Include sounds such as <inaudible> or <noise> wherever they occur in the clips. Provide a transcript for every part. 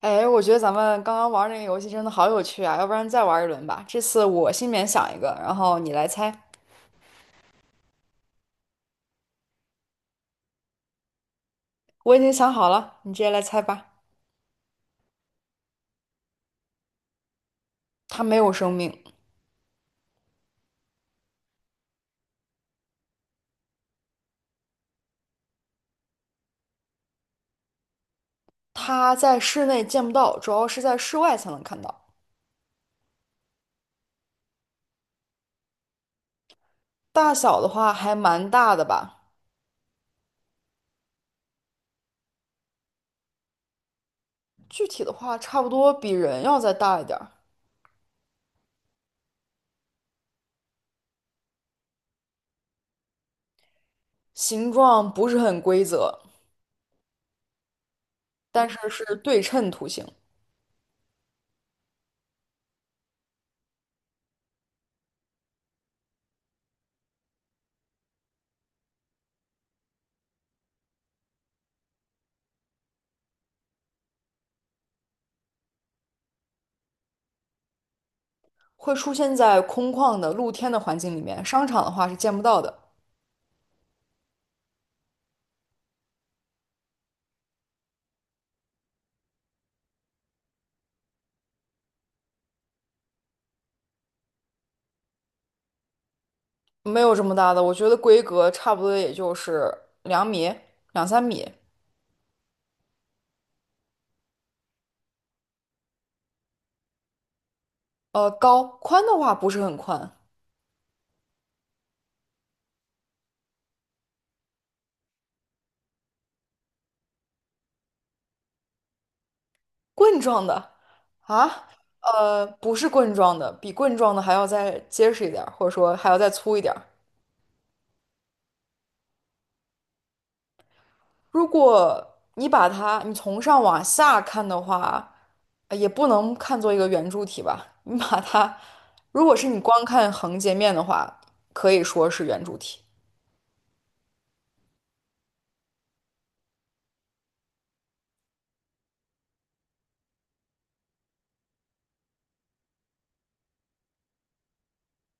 哎，我觉得咱们刚刚玩儿那个游戏真的好有趣啊，要不然再玩一轮吧。这次我心里面想一个，然后你来猜。我已经想好了，你直接来猜吧。它没有生命，它在室内见不到，主要是在室外才能看到。大小的话还蛮大的吧，具体的话差不多比人要再大一点儿。形状不是很规则，但是是对称图形，会出现在空旷的露天的环境里面，商场的话是见不到的。没有这么大的，我觉得规格差不多也就是2米、2、3米，呃，高，宽的话不是很宽，棍状的啊，不是棍状的，比棍状的还要再结实一点儿，或者说还要再粗一点儿。如果你把它，你从上往下看的话，呃也不能看作一个圆柱体吧，你把它，如果是你光看横截面的话，可以说是圆柱体。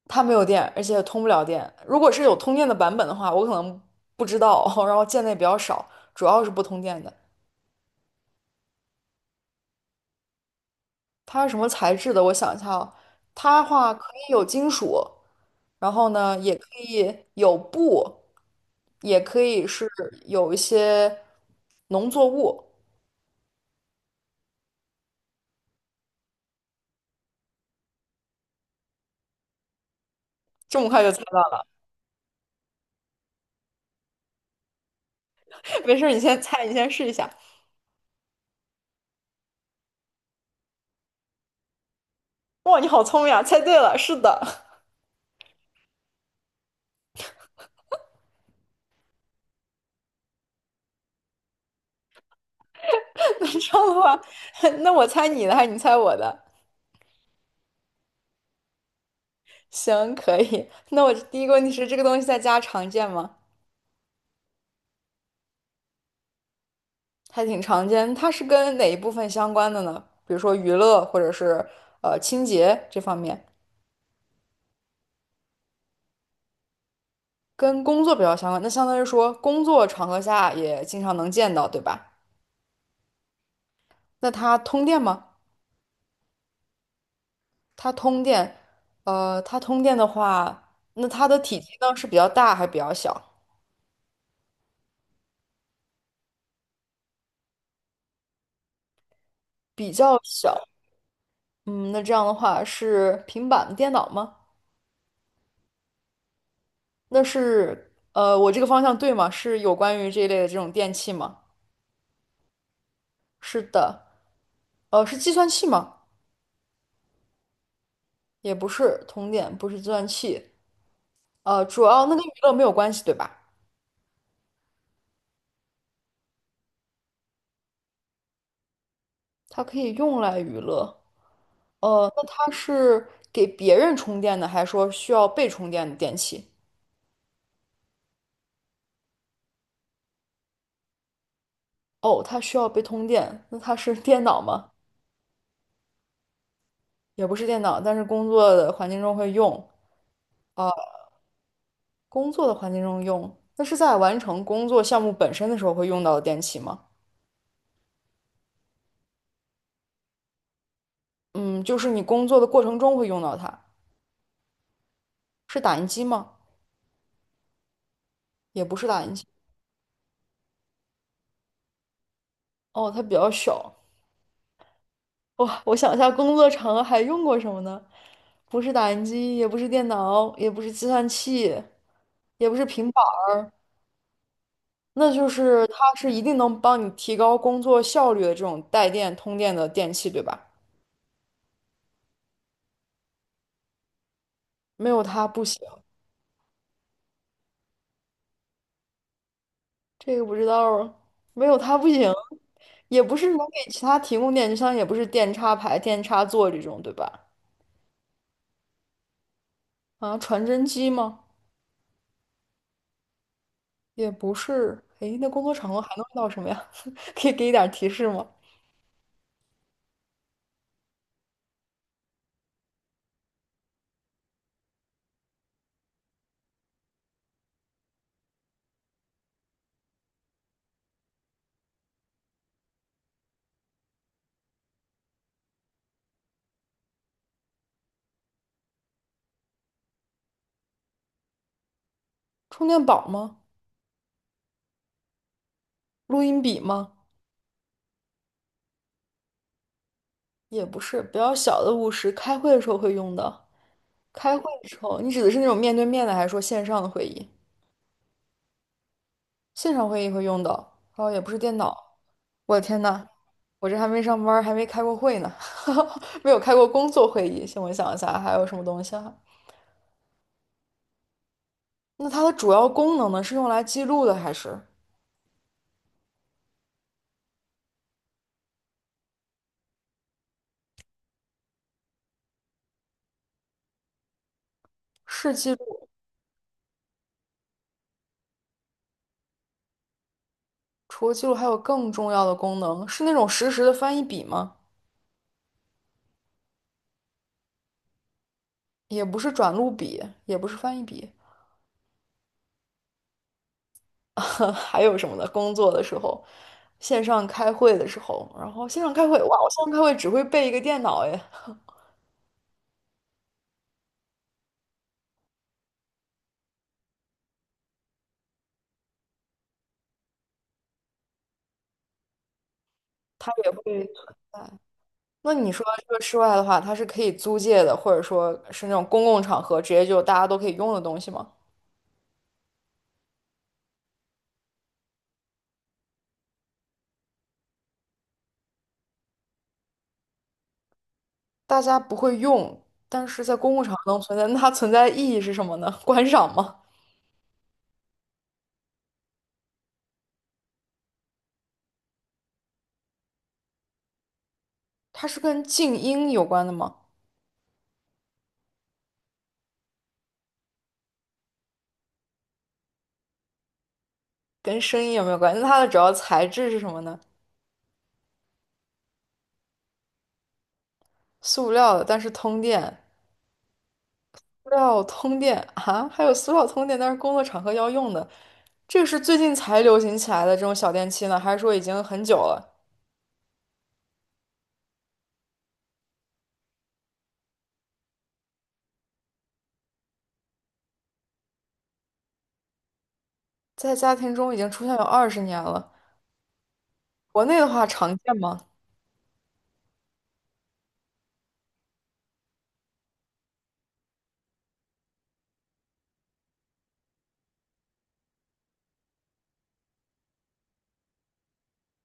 它没有电，而且通不了电。如果是有通电的版本的话，我可能不知道，<laughs> 然后见的也比较少，主要是不通电的。它是什么材质的？我想一下哦，它的话可以有金属，然后呢，也可以有布，也可以是有一些农作物。这么快就猜到了？<laughs> 没事儿，你先猜，你先试一下。哇，你好聪明啊！猜对了，是的。<laughs> 那这样的话，<laughs> 那我猜你的还是你猜我的？行，可以。那我第一个问题是，这个东西在家常见吗？还挺常见。它是跟哪一部分相关的呢？比如说娱乐，或者是清洁这方面，跟工作比较相关。那相当于说，工作场合下也经常能见到，对吧？那它通电吗？它通电，它通电的话，那它的体积呢是比较大还是比较小？比较小。嗯，那这样的话是平板电脑吗？那是我这个方向对吗？是有关于这一类的这种电器吗？是的，是计算器吗？也不是，通电不是计算器，主要那跟娱乐没有关系，对吧？它可以用来娱乐，那它是给别人充电的，还是说需要被充电的电器？哦，它需要被通电，那它是电脑吗？也不是电脑，但是工作的环境中会用，工作的环境中用，那是在完成工作项目本身的时候会用到的电器吗？嗯，就是你工作的过程中会用到它，是打印机吗？也不是打印机，哦，它比较小。哇，我想一下，工作场合还用过什么呢？不是打印机，也不是电脑，也不是计算器，也不是平板儿，那就是它是一定能帮你提高工作效率的这种带电通电的电器，对吧？没有它不行，这个不知道啊，没有它不行，也不是能给其他提供电，就像也不是电插排、电插座这种，对吧？啊，传真机吗？也不是，诶，那工作场合还能用到什么呀？<laughs> 可以给一点提示吗？充电宝吗？录音笔吗？也不是，比较小的务实，开会的时候会用的。开会的时候，你指的是那种面对面的，还是说线上的会议？线上会议会用到，然后也不是电脑。我的天呐，我这还没上班儿还没开过会呢，<laughs> 没有开过工作会议。先我想一下，还有什么东西啊？那它的主要功能呢，是用来记录的，还是？是记录。除了记录，还有更重要的功能，是那种实时的翻译笔吗？也不是转录笔，也不是翻译笔，<laughs> 还有什么呢？工作的时候，线上开会的时候，然后线上开会，哇，我线上开会只会备一个电脑哎，<laughs> 它也会在那你说这个室外的话，它是可以租借的，或者说是那种公共场合直接就大家都可以用的东西吗？大家不会用，但是在公共场合能存在，那它存在的意义是什么呢？观赏吗？它是跟静音有关的吗？跟声音有没有关系？那它的主要材质是什么呢？塑料的，但是通电，塑料通电啊，还有塑料通电，但是工作场合要用的，这个是最近才流行起来的这种小电器呢，还是说已经很久了，在家庭中已经出现有20年了？国内的话常见吗？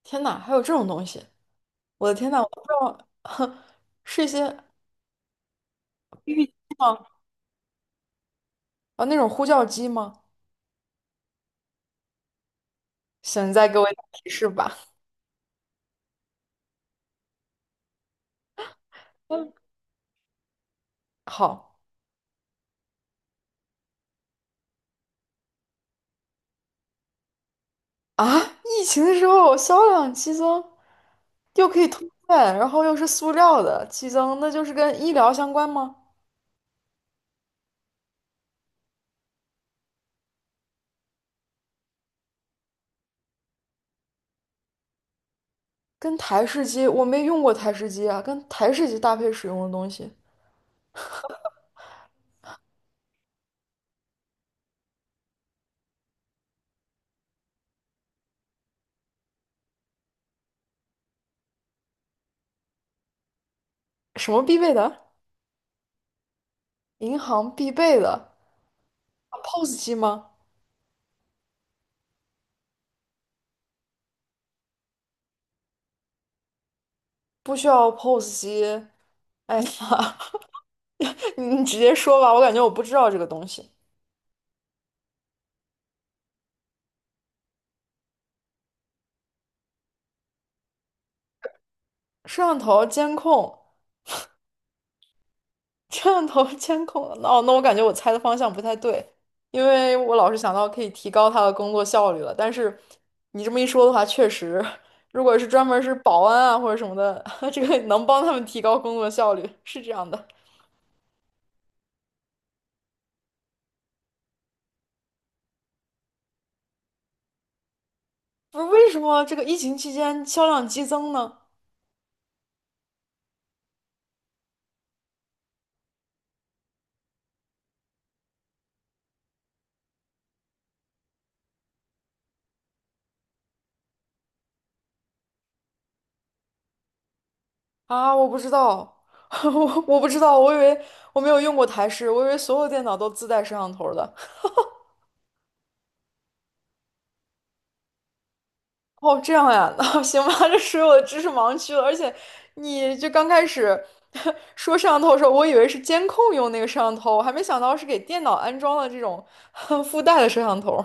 天呐，还有这种东西！我的天呐，我都不知道，<laughs> 哼，是一些 BB 啊那种呼叫机吗？行，你再给我一点提示吧。嗯，好啊，疫情的时候销量激增。又可以通电，然后又是塑料的，激增，那就是跟医疗相关吗？跟台式机，我没用过台式机啊，跟台式机搭配使用的东西，什么必备的？银行必备的啊 POS机吗？不需要 POS 机。哎呀，<laughs> 你直接说吧，我感觉我不知道这个东西。摄像头监控 <laughs> 摄像头监控哦，那我感觉我猜的方向不太对，因为我老是想到可以提高他的工作效率了。但是你这么一说的话，确实，如果是专门是保安啊或者什么的，<laughs> 这个能帮他们提高工作效率，是这样的。不是为什么这个疫情期间销量激增呢？啊，我不知道，<laughs> 我不知道，我以为我没有用过台式，我以为所有电脑都自带摄像头的。哦，这样呀，<laughs> 那行吧，这属于我的知识盲区了。而且，你就刚开始 <laughs> 说摄像头的时候，我以为是监控用那个摄像头，我还没想到是给电脑安装了这种 <laughs> 附带的摄像头。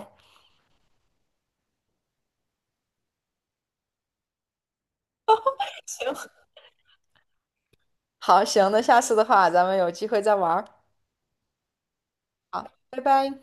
<laughs> 行，好，行，那下次的话，咱们有机会再玩儿。好，拜拜。